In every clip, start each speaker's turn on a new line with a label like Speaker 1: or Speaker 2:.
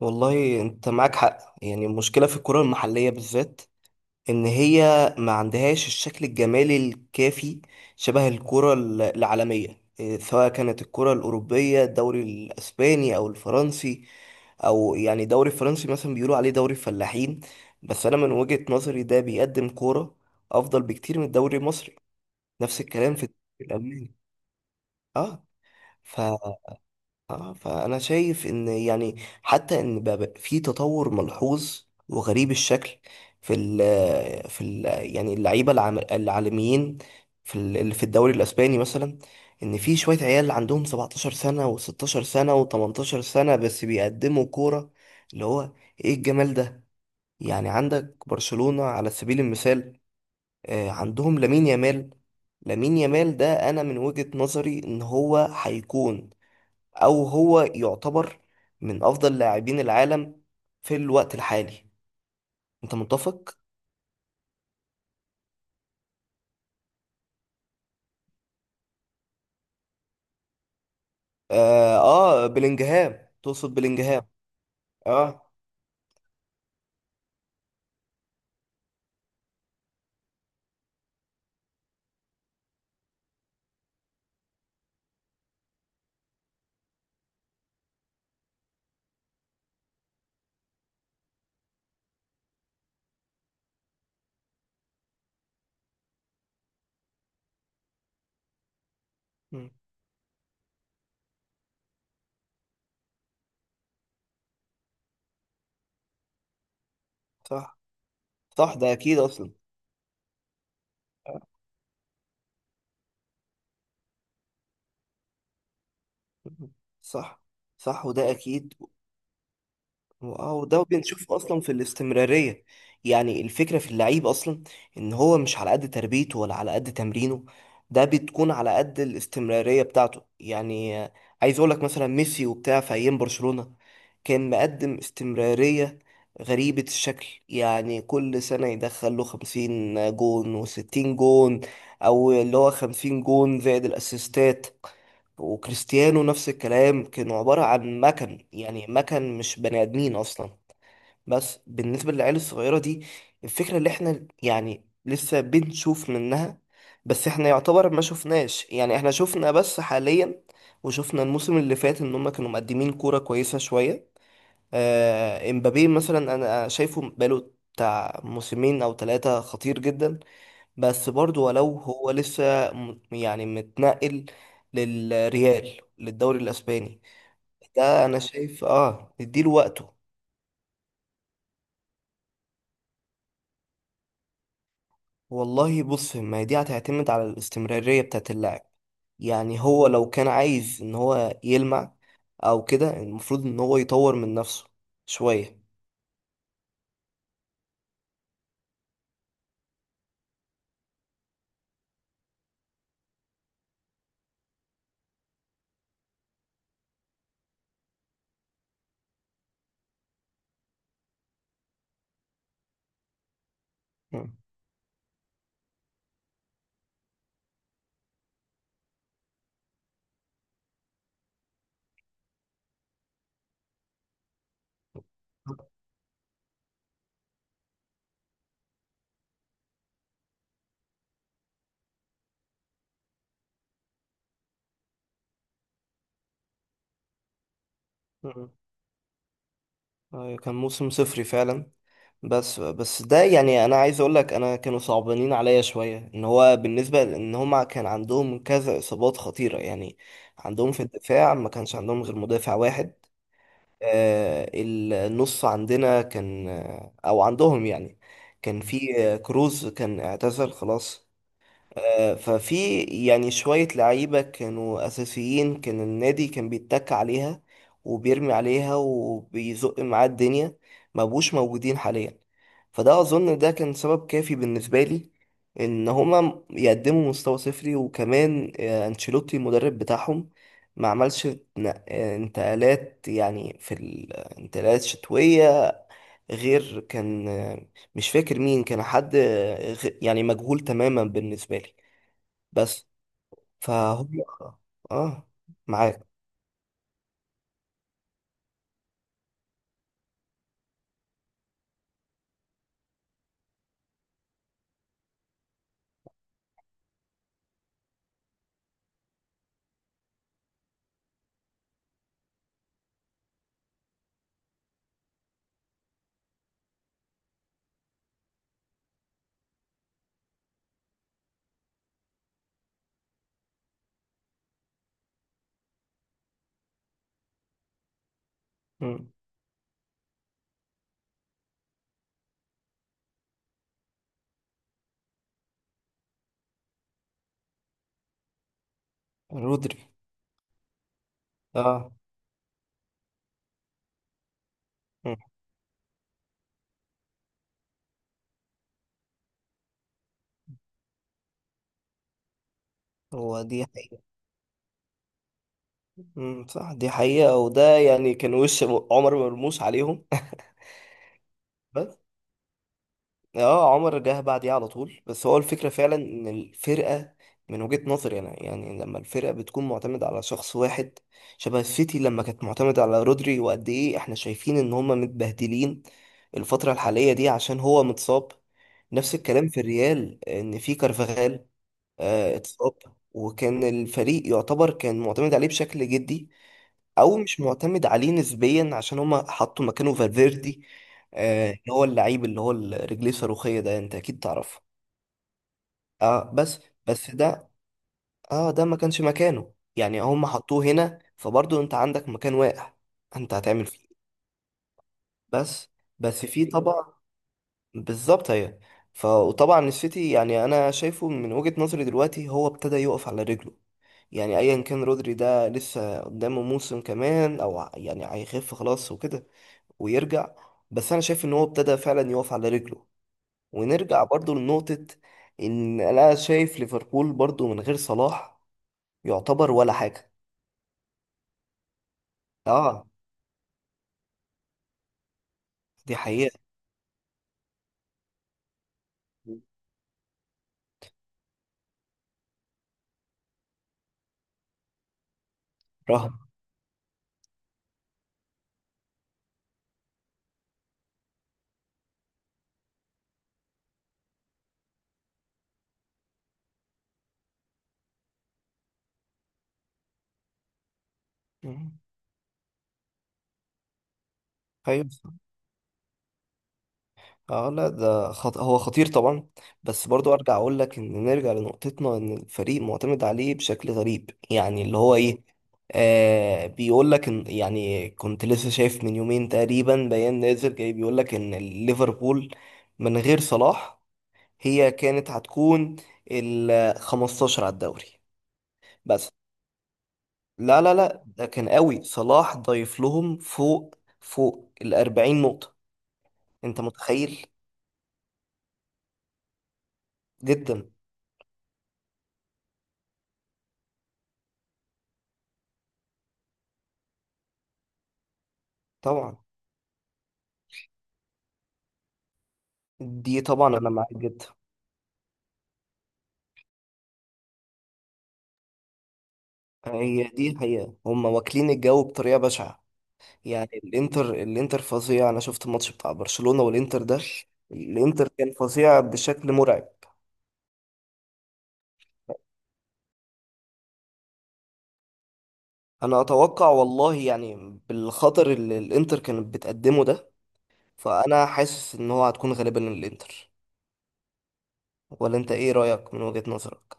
Speaker 1: والله انت معاك حق، يعني المشكلة في الكرة المحلية بالذات ان هي ما عندهاش الشكل الجمالي الكافي، شبه الكرة العالمية، سواء كانت الكرة الأوروبية، الدوري الأسباني أو الفرنسي، أو يعني الدوري الفرنسي مثلا بيقولوا عليه دوري الفلاحين. بس أنا من وجهة نظري ده بيقدم كورة أفضل بكتير من الدوري المصري. نفس الكلام في الدوري الألماني. اه. ف اه فانا شايف ان يعني حتى ان بقى في تطور ملحوظ وغريب الشكل في ال يعني اللعيبه العالميين في اللي في الدوري الاسباني مثلا، ان في شويه عيال عندهم 17 سنه و16 سنه و18 سنه بس بيقدموا كوره، اللي هو ايه الجمال ده! يعني عندك برشلونه على سبيل المثال، عندهم لامين يامال. لامين يامال ده انا من وجهه نظري ان هو هيكون، او هو يعتبر من افضل لاعبين العالم في الوقت الحالي. انت متفق؟ اه، بلينجهام، تقصد بلينجهام. اه. مم. صح. صح ده اكيد اصلا. مم. صح. صح وده اكيد. واو، ده بنشوف اصلا في الاستمراريه، يعني الفكره في اللعيب اصلا ان هو مش على قد تربيته ولا على قد تمرينه، ده بتكون على قد الاستمراريه بتاعته، يعني عايز اقول لك مثلا ميسي وبتاع في ايام برشلونه كان مقدم استمراريه غريبه الشكل، يعني كل سنه يدخل له 50 جون و60 جون، او اللي هو 50 جون زائد الاسيستات. وكريستيانو نفس الكلام، كانوا عبارة عن مكن، يعني مكن مش بني آدمين أصلا. بس بالنسبة للعيال الصغيرة دي، الفكرة اللي احنا يعني لسه بنشوف منها، بس احنا يعتبر ما شفناش، يعني احنا شفنا بس حاليا وشفنا الموسم اللي فات ان هم كانوا مقدمين كورة كويسة شوية. آه امبابي مثلا انا شايفه بقاله بتاع موسمين او 3 خطير جدا، بس برضو ولو هو لسه يعني متنقل للريال، للدوري الاسباني، ده انا شايف، نديله وقته. والله بص، ما هي دي هتعتمد على الاستمرارية بتاعت اللاعب، يعني هو لو كان عايز ان هو يلمع او كده المفروض ان هو يطور من نفسه شوية. مم. مم. كان موسم صفري فعلا، بس ده يعني انا عايز اقول لك انا كانوا صعبانين عليا شويه، ان هو بالنسبه لان هما كان عندهم كذا اصابات خطيره يعني، عندهم في الدفاع ما كانش عندهم غير مدافع واحد. النص عندنا كان، او عندهم يعني، كان في كروز، كان اعتزل خلاص. ففي يعني شوية لعيبة كانوا أساسيين، كان النادي كان بيتك عليها وبيرمي عليها وبيزق معاه الدنيا، ما بقوش موجودين حاليا. فده أظن ده كان سبب كافي بالنسبة لي إن هما يقدموا مستوى صفري. وكمان أنشيلوتي المدرب بتاعهم ما عملش انتقالات، يعني في الانتقالات شتوية غير كان مش فاكر مين كان، حد يعني مجهول تماما بالنسبة لي. بس. فهم. اه. معاك. مم. رودري. اه. مم. هو دي حقيقة. مم. صح، دي حقيقة، وده يعني كان وش عمر مرموش عليهم. بس اه، عمر جه بعديه على طول. بس هو الفكرة فعلا ان الفرقة، من وجهة نظري انا يعني، لما الفرقة بتكون معتمدة على شخص واحد شبه السيتي لما كانت معتمدة على رودري، وقد ايه احنا شايفين ان هما متبهدلين الفترة الحالية دي عشان هو متصاب. نفس الكلام في الريال، ان في كارفاخال اتصاب، وكان الفريق يعتبر كان معتمد عليه بشكل جدي، او مش معتمد عليه نسبيا، عشان هما حطوا مكانه فالفيردي، اللي هو اللعيب اللي هو رجليه الصاروخية ده انت اكيد تعرفه. اه، بس ده ما كانش مكانه، يعني هما حطوه هنا، فبرضه انت عندك مكان واقع، انت هتعمل فيه إيه؟ بس بس في طبعا، بالظبط هي. وطبعا السيتي، يعني انا شايفه من وجهة نظري دلوقتي، هو ابتدى يقف على رجله، يعني ايا كان رودري ده لسه قدامه موسم كمان او يعني هيخف خلاص وكده ويرجع. بس انا شايف ان هو ابتدى فعلا يقف على رجله. ونرجع برضو لنقطة ان انا شايف ليفربول برضو من غير صلاح يعتبر ولا حاجة. اه. دي حقيقة. رهن. مم. ايوه. اه لا، ده هو خطير طبعا. بس برضو ارجع اقول لك ان نرجع لنقطتنا، ان الفريق معتمد عليه بشكل غريب، يعني اللي هو ايه، بيقول لك ان يعني كنت لسه شايف من يومين تقريبا بيان نازل جاي بيقول لك ان ليفربول من غير صلاح هي كانت هتكون ال 15 على الدوري. بس لا لا لا، ده كان قوي، صلاح ضايف لهم فوق فوق ال 40 نقطة، انت متخيل؟ جدا طبعا. دي طبعا انا معاك جدا. هي دي الحقيقه، هم واكلين الجو بطريقه بشعه، يعني الانتر، الانتر فظيع. انا شفت الماتش بتاع برشلونه والانتر ده، الانتر كان فظيع بشكل مرعب. انا اتوقع والله، يعني بالخطر اللي الانتر كانت بتقدمه ده، فانا حاسس ان هو هتكون غالبا الانتر. ولا انت ايه رايك من وجهه نظرك؟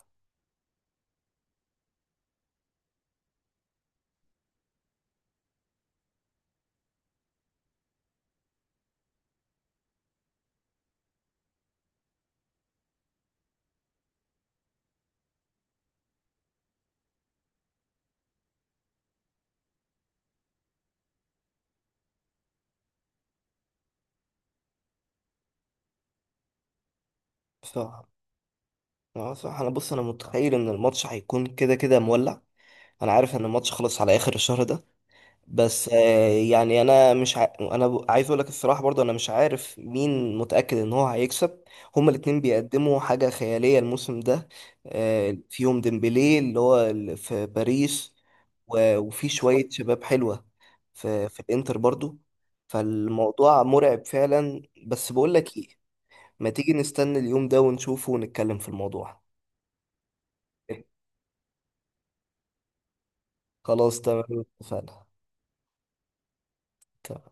Speaker 1: صح. صح انا بص، انا متخيل ان الماتش هيكون كده كده مولع. انا عارف ان الماتش خلص على اخر الشهر ده، بس يعني انا مش انا عايز اقول لك الصراحه برضه انا مش عارف مين متاكد ان هو هيكسب. هما الاتنين بيقدموا حاجه خياليه الموسم ده، فيهم ديمبلي اللي هو في باريس، وفي شويه شباب حلوه في الانتر برضه، فالموضوع مرعب فعلا. بس بقول لك ايه، ما تيجي نستنى اليوم ده ونشوفه ونتكلم في الموضوع. إيه، خلاص تمام. اتفقنا.